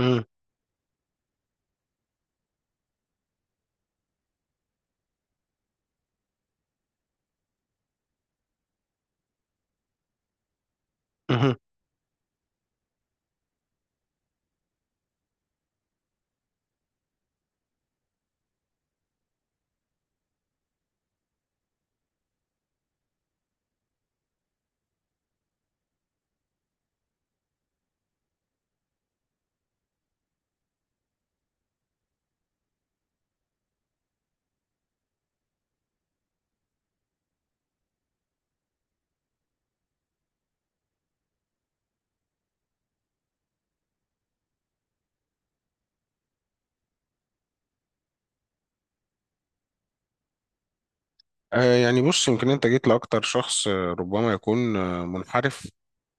مم. مهم. يعني بص، يمكن انت جيت لاكتر شخص، ربما يكون منحرف،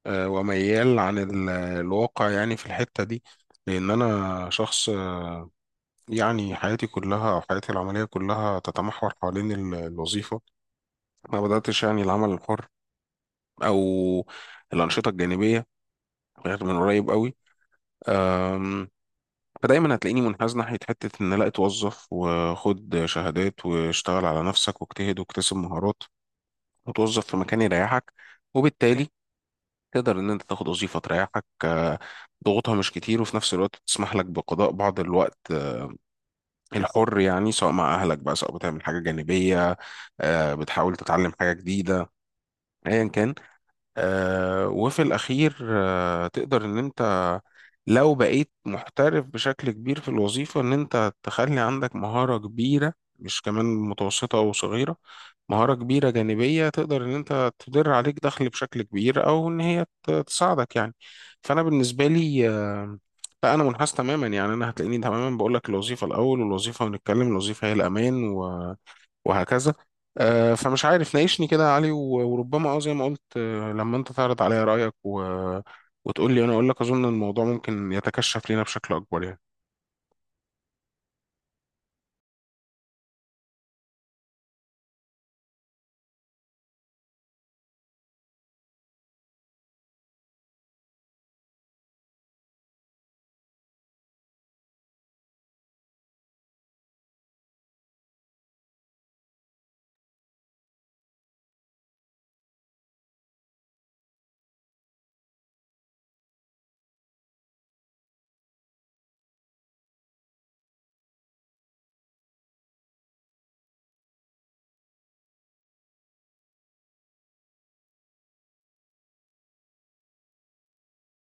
وميال عن الواقع يعني في الحتة دي. لان انا شخص، يعني حياتي كلها او حياتي العملية كلها تتمحور حوالين الوظيفة. ما بدأتش يعني العمل الحر او الأنشطة الجانبية غير من قريب قوي. آم، فدايما هتلاقيني منحاز ناحية حتة ان لا اتوظف، وخد شهادات واشتغل على نفسك واجتهد واكتسب مهارات، وتوظف في مكان يريحك. وبالتالي تقدر ان انت تاخد وظيفة تريحك، ضغوطها مش كتير، وفي نفس الوقت تسمح لك بقضاء بعض الوقت الحر، يعني سواء مع اهلك بقى، سواء بتعمل حاجة جانبية، بتحاول تتعلم حاجة جديدة ايا كان. وفي الأخير تقدر إن أنت لو بقيت محترف بشكل كبير في الوظيفة، إن أنت تخلي عندك مهارة كبيرة، مش كمان متوسطة أو صغيرة، مهارة كبيرة جانبية تقدر إن أنت تدر عليك دخل بشكل كبير، أو إن هي تساعدك يعني. فأنا بالنسبة لي لا، أنا منحاز تماما، يعني أنا هتلاقيني تماما بقول لك الوظيفة الأول، والوظيفة ونتكلم الوظيفة هي الأمان وهكذا. فمش عارف، ناقشني كده يا علي وربما زي ما قلت لما انت تعرض عليا رأيك وتقول لي، انا اقول لك اظن الموضوع ممكن يتكشف لينا بشكل اكبر يعني.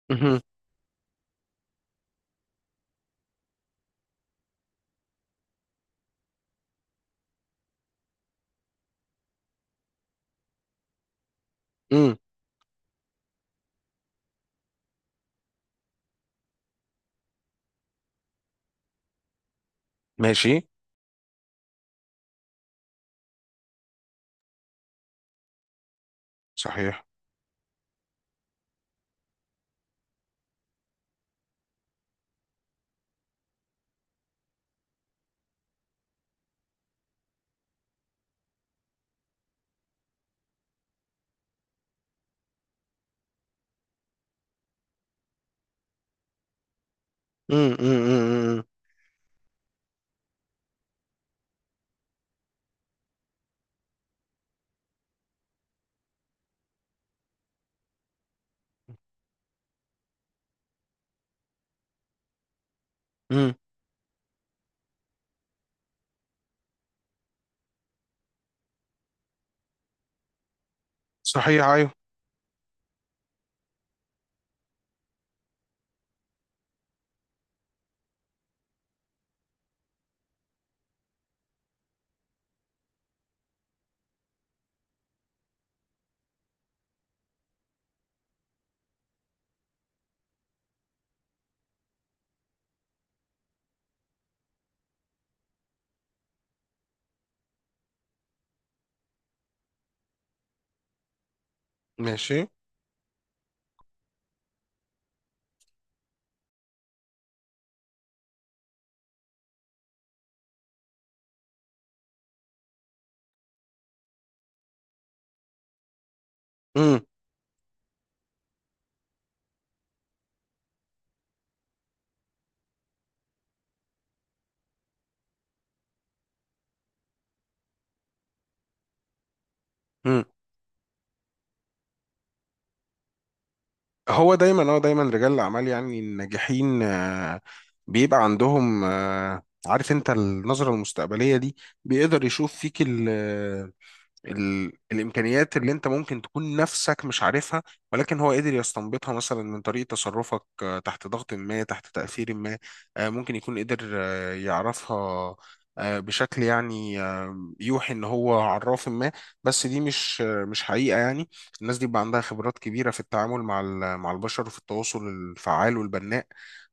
مهم. مم. ماشي. صحيح. مم. مم. مم. مم. مم. صحيح. ايوه. ماشي. مم. مم. هو دايما رجال الاعمال، يعني الناجحين، بيبقى عندهم عارف انت النظرة المستقبلية دي، بيقدر يشوف فيك الامكانيات اللي انت ممكن تكون نفسك مش عارفها، ولكن هو قدر يستنبطها مثلا من طريقه تصرفك، تحت ضغط ما، تحت تاثير ما، ممكن يكون قدر يعرفها بشكل يعني يوحي ان هو عراف ما. بس دي مش حقيقه، يعني الناس دي بيبقى عندها خبرات كبيره في التعامل مع مع البشر، وفي التواصل الفعال والبناء،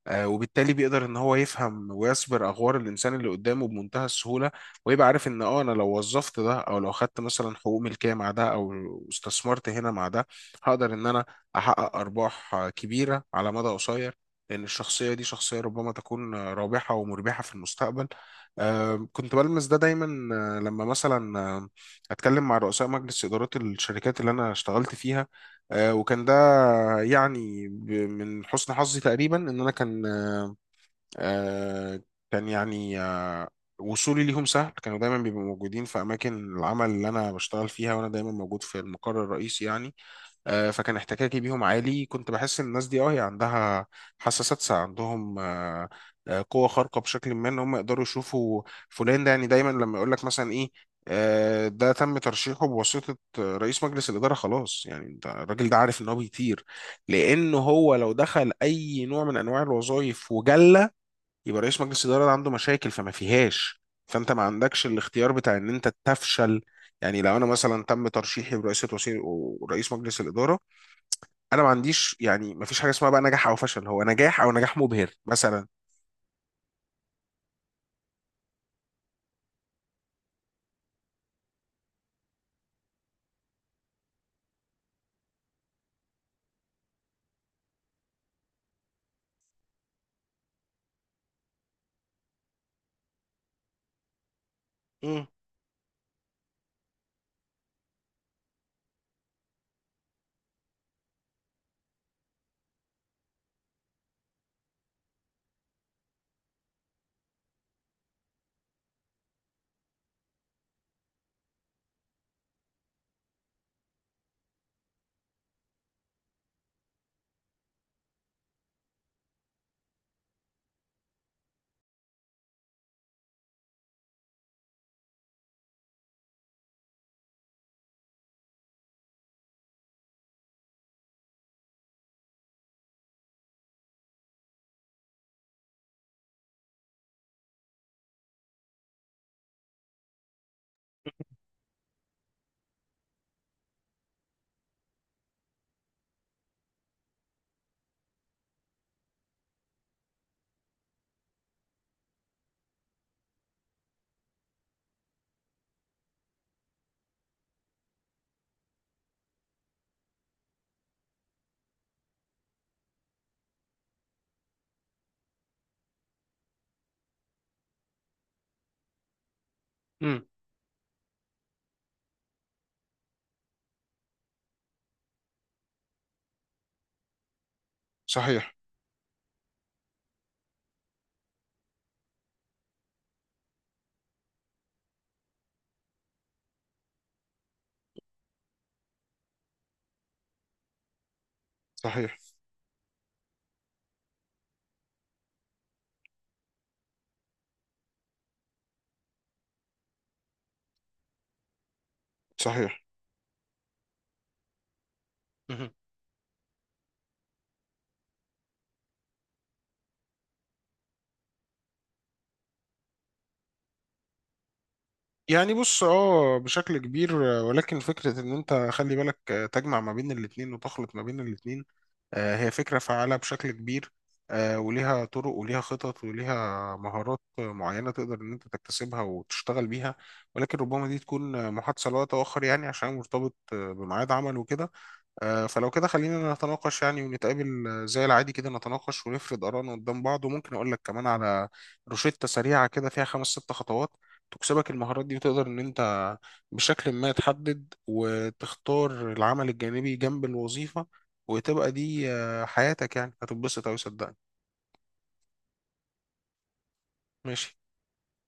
وبالتالي بيقدر ان هو يفهم ويسبر اغوار الانسان اللي قدامه بمنتهى السهوله. ويبقى عارف ان انا لو وظفت ده، او لو خدت مثلا حقوق ملكيه مع ده، او استثمرت هنا مع ده، هقدر ان انا احقق ارباح كبيره على مدى قصير، لان الشخصيه دي شخصيه ربما تكون رابحه ومربحه في المستقبل. كنت بلمس ده دايما، لما مثلا اتكلم مع رؤساء مجلس ادارات الشركات اللي انا اشتغلت فيها، وكان ده يعني من حسن حظي تقريبا ان انا كان آه، كان يعني وصولي ليهم سهل، كانوا دايما بيبقوا موجودين في اماكن العمل اللي انا بشتغل فيها، وانا دايما موجود في المقر الرئيسي يعني. فكان احتكاكي بيهم عالي، كنت بحس ان الناس دي هي عندها حساسات، عندهم قوة خارقة بشكل ما ان هم يقدروا يشوفوا فلان ده، يعني دايما لما يقول لك مثلا ايه ده تم ترشيحه بواسطة رئيس مجلس الإدارة، خلاص يعني انت الراجل ده عارف ان هو بيطير. لأنه هو لو دخل أي نوع من أنواع الوظائف وجلة، يبقى رئيس مجلس الإدارة ده عنده مشاكل فما فيهاش، فأنت ما عندكش الاختيار بتاع إن أنت تفشل. يعني لو أنا مثلا تم ترشيحي برئاسة وسيط ورئيس مجلس الإدارة، انا ما عنديش يعني ما فيش حاجه اسمها بقى نجاح او فشل، هو نجاح او نجاح مبهر مثلا. امم. امم. صحيح. صحيح. صحيح. مهم. يعني بص بشكل كبير، ولكن فكرة ان انت خلي بالك تجمع ما بين الاتنين وتخلط ما بين الاتنين، هي فكرة فعالة بشكل كبير، وليها طرق وليها خطط وليها مهارات معينة تقدر ان انت تكتسبها وتشتغل بيها. ولكن ربما دي تكون محادثة لوقت آخر، يعني عشان مرتبط بميعاد عمل وكده. فلو كده خلينا نتناقش، يعني ونتقابل زي العادي كده، نتناقش ونفرد آرائنا قدام بعض، وممكن أقول لك كمان على روشتة سريعة كده فيها خمس ست خطوات، تكسبك المهارات دي وتقدر إن أنت بشكل ما تحدد وتختار العمل الجانبي جنب الوظيفة، وتبقى دي حياتك، يعني هتتبسط أوي صدقني. ماشي